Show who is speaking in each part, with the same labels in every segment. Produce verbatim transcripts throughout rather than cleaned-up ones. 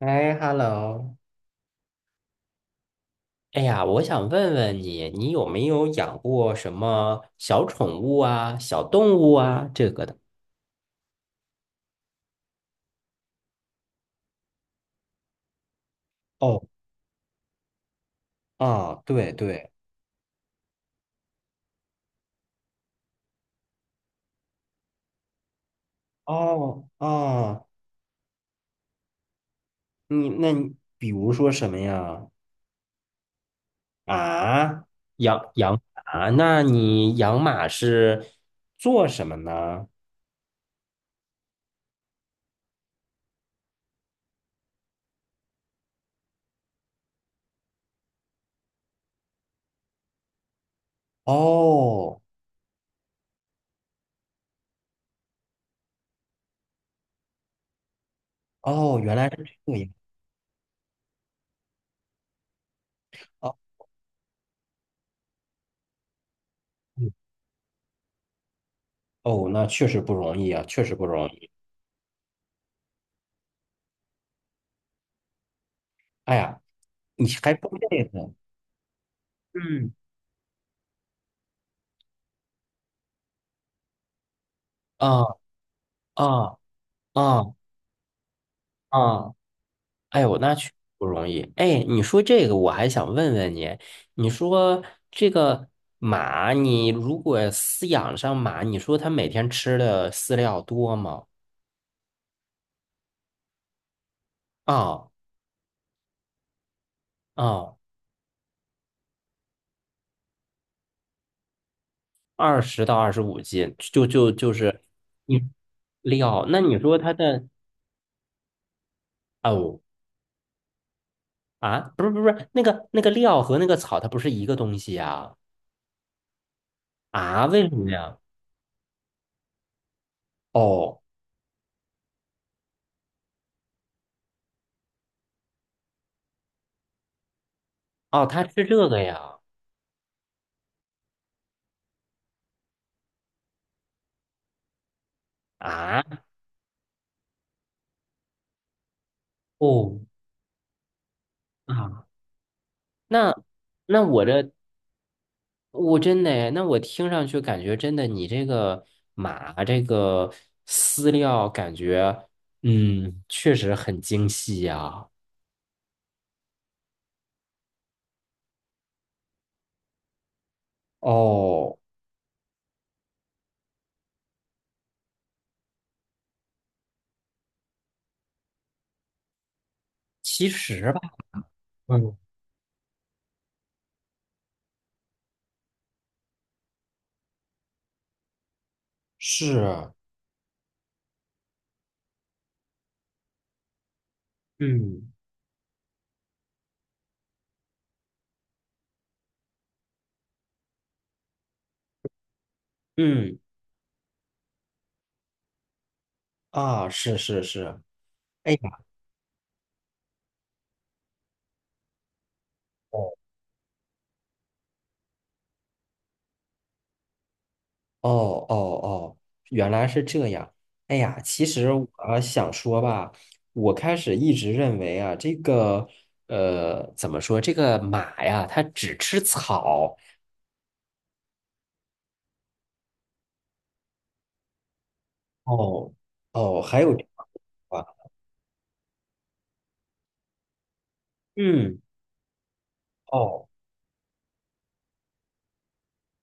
Speaker 1: 哎，hello，哎呀，我想问问你，你有没有养过什么小宠物啊、小动物啊这个的？哦，啊，对对，哦啊对对哦哦你那你比如说什么呀？啊，养养马？那你养马是做什么呢？哦哦，原来是这样，哦嗯哦，那确实不容易啊，确实不容易。哎呀，你还不累呢，嗯啊啊啊啊！哎呦，那确实不容易。哎，你说这个，我还想问问你，你说这个马，你如果饲养上马，你说它每天吃的饲料多吗？啊啊，二十到二十五斤，就就就是你料。那你说它的哦啊，不是不是不是那个那个料和那个草，它不是一个东西呀？啊，为什么呀？哦哦，它吃这个呀？啊哦。啊那那我这我真的诶，那我听上去感觉真的，你这个马这个饲料感觉，嗯，确实很精细呀。哦，其实吧，嗯，是，嗯嗯啊，是是是，哎呀。哦哦哦，原来是这样。哎呀，其实我呃想说吧，我开始一直认为啊，这个呃，怎么说，这个马呀，它只吃草。哦哦，还有这样啊，嗯，哦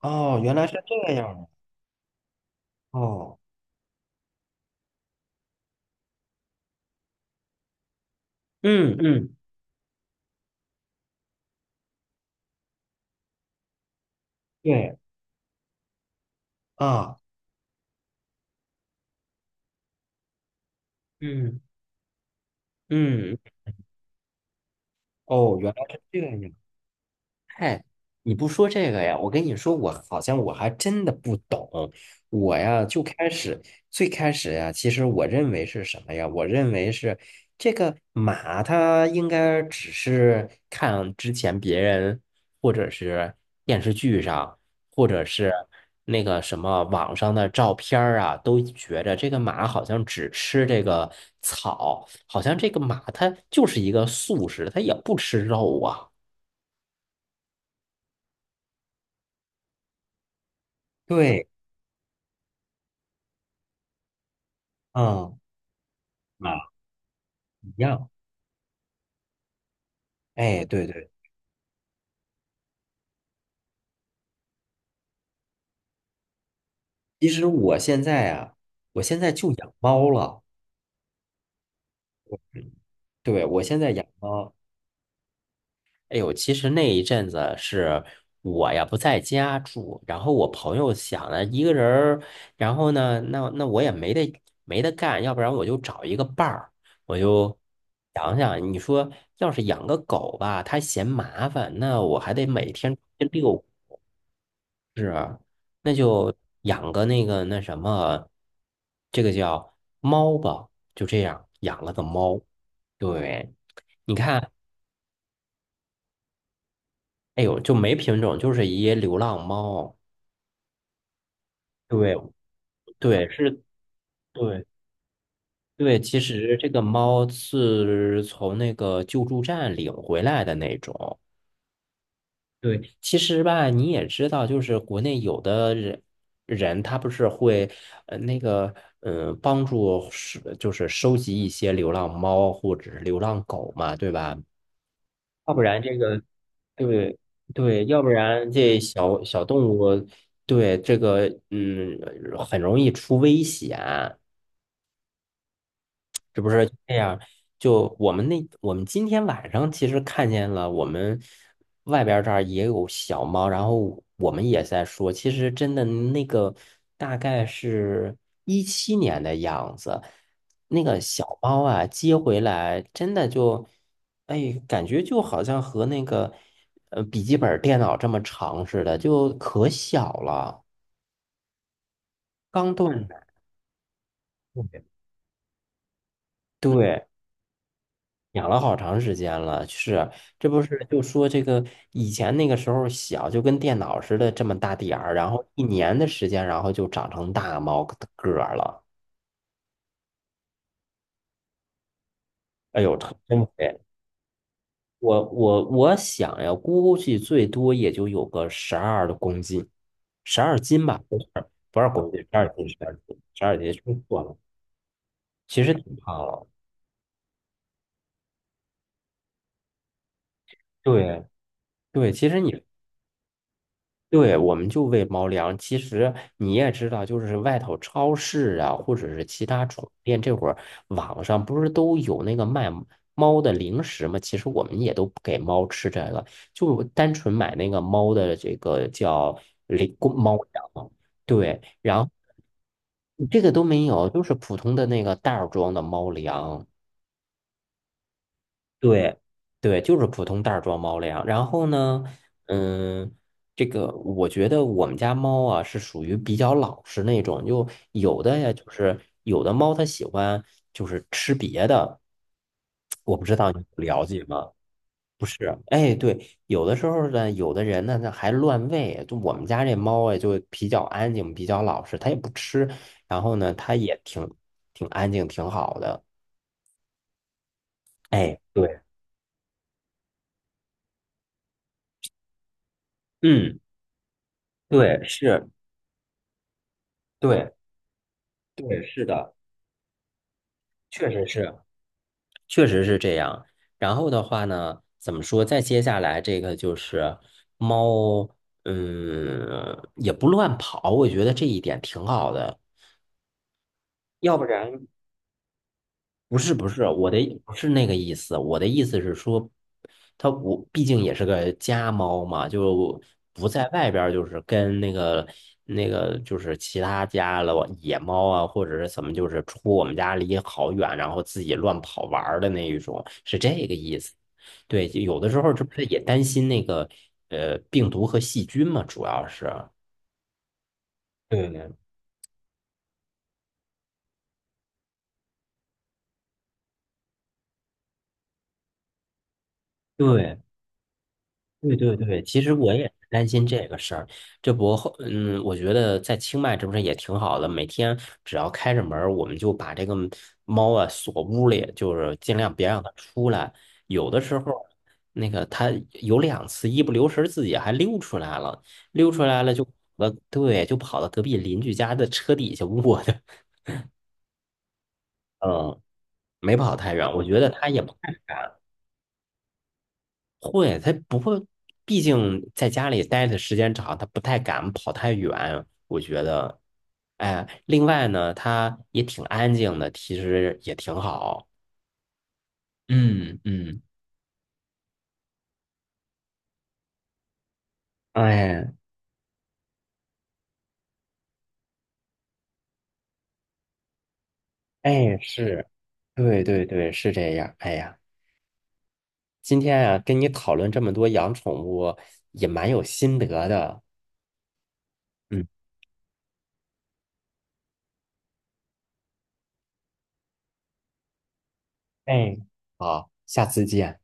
Speaker 1: 哦，原来是这样的。哦，嗯嗯，对啊，嗯嗯，哦，原来是这样。哎，你不说这个呀？我跟你说，我好像我还真的不懂。我呀，就开始最开始呀，其实我认为是什么呀？我认为是这个马，它应该只是看之前别人或者是电视剧上，或者是那个什么网上的照片儿啊，都觉着这个马好像只吃这个草，好像这个马它就是一个素食，它也不吃肉啊。对。嗯啊，一样。哎，对对，其实我现在啊，我现在就养猫了。对，我现在养猫。哎呦，其实那一阵子是我呀不在家住，然后我朋友想了一个人儿，然后呢，那那我也没得没得干，要不然我就找一个伴儿，我就想想，你说要是养个狗吧，它嫌麻烦，那我还得每天去遛是啊，那就养个那个那什么，这个叫猫吧，就这样养了个猫。对，你看，哎呦，就没品种，就是一流浪猫。对，对，是，对，对。其实这个猫是从那个救助站领回来的那种。对，其实吧，你也知道，就是国内有的人人他不是会呃那个呃帮助是就是收集一些流浪猫或者是流浪狗嘛，对吧？要不然这个对对，要不然这小小动物对这个嗯很容易出危险。是不是这样？就我们那，我们今天晚上其实看见了，我们外边儿这儿也有小猫，然后我们也在说，其实真的那个大概是一七年的样子，那个小猫啊接回来，真的就，哎，感觉就好像和那个呃笔记本电脑这么长似的，就可小了，刚断奶。对，养了好长时间了，是，这不是就说这个以前那个时候小，就跟电脑似的这么大点儿，然后一年的时间，然后就长成大猫个个儿了。哎呦，特真肥！我我我想呀，估计最多也就有个十二公斤，十二斤吧，不是不是公斤，十二斤，十二斤，十二斤，说错了，其实挺胖了。对对，其实你对，我们就喂猫粮。其实你也知道，就是外头超市啊，或者是其他宠物店，这会儿网上不是都有那个卖猫的零食吗？其实我们也都不给猫吃这个，就单纯买那个猫的这个叫零公猫粮。对，然后这个都没有，就是普通的那个袋儿装的猫粮。对，对，就是普通袋儿装猫粮。然后呢，嗯，这个我觉得我们家猫啊是属于比较老实那种，就有的呀，就是有的猫它喜欢就是吃别的，我不知道你了解吗？不是，哎，对，有的时候呢，有的人呢，那还乱喂。就我们家这猫啊，就比较安静，比较老实，它也不吃，然后呢，它也挺挺安静，挺好的。哎，对，嗯，对，是，对。对，是的，确实是，确实是这样。然后的话呢，怎么说？再接下来这个就是猫，嗯，也不乱跑，我觉得这一点挺好的。要不然不是不是，我的不是那个意思，我的意思是说，它我毕竟也是个家猫嘛，就不在外边，就是跟那个那个就是其他家了野猫啊，或者是怎么，就是出我们家离好远，然后自己乱跑玩儿的那一种，是这个意思。对，就有的时候这不是也担心那个呃病毒和细菌嘛，主要是。对，对，对对对，其实我也是担心这个事儿。这不后，嗯，我觉得在清迈这不是也挺好的，每天只要开着门儿，我们就把这个猫啊锁屋里，就是尽量别让它出来。有的时候，那个它有两次一不留神自己还溜出来了，溜出来了就呃，对，就跑到隔壁邻居家的车底下卧的。嗯，没跑太远，我觉得它也会，他不会，毕竟在家里待的时间长，他不太敢跑太远。我觉得，哎，另外呢，他也挺安静的，其实也挺好。嗯嗯，哎哎，是，对对对，是这样。哎呀，今天啊，跟你讨论这么多养宠物，也蛮有心得的。嗯，哎，好，下次见。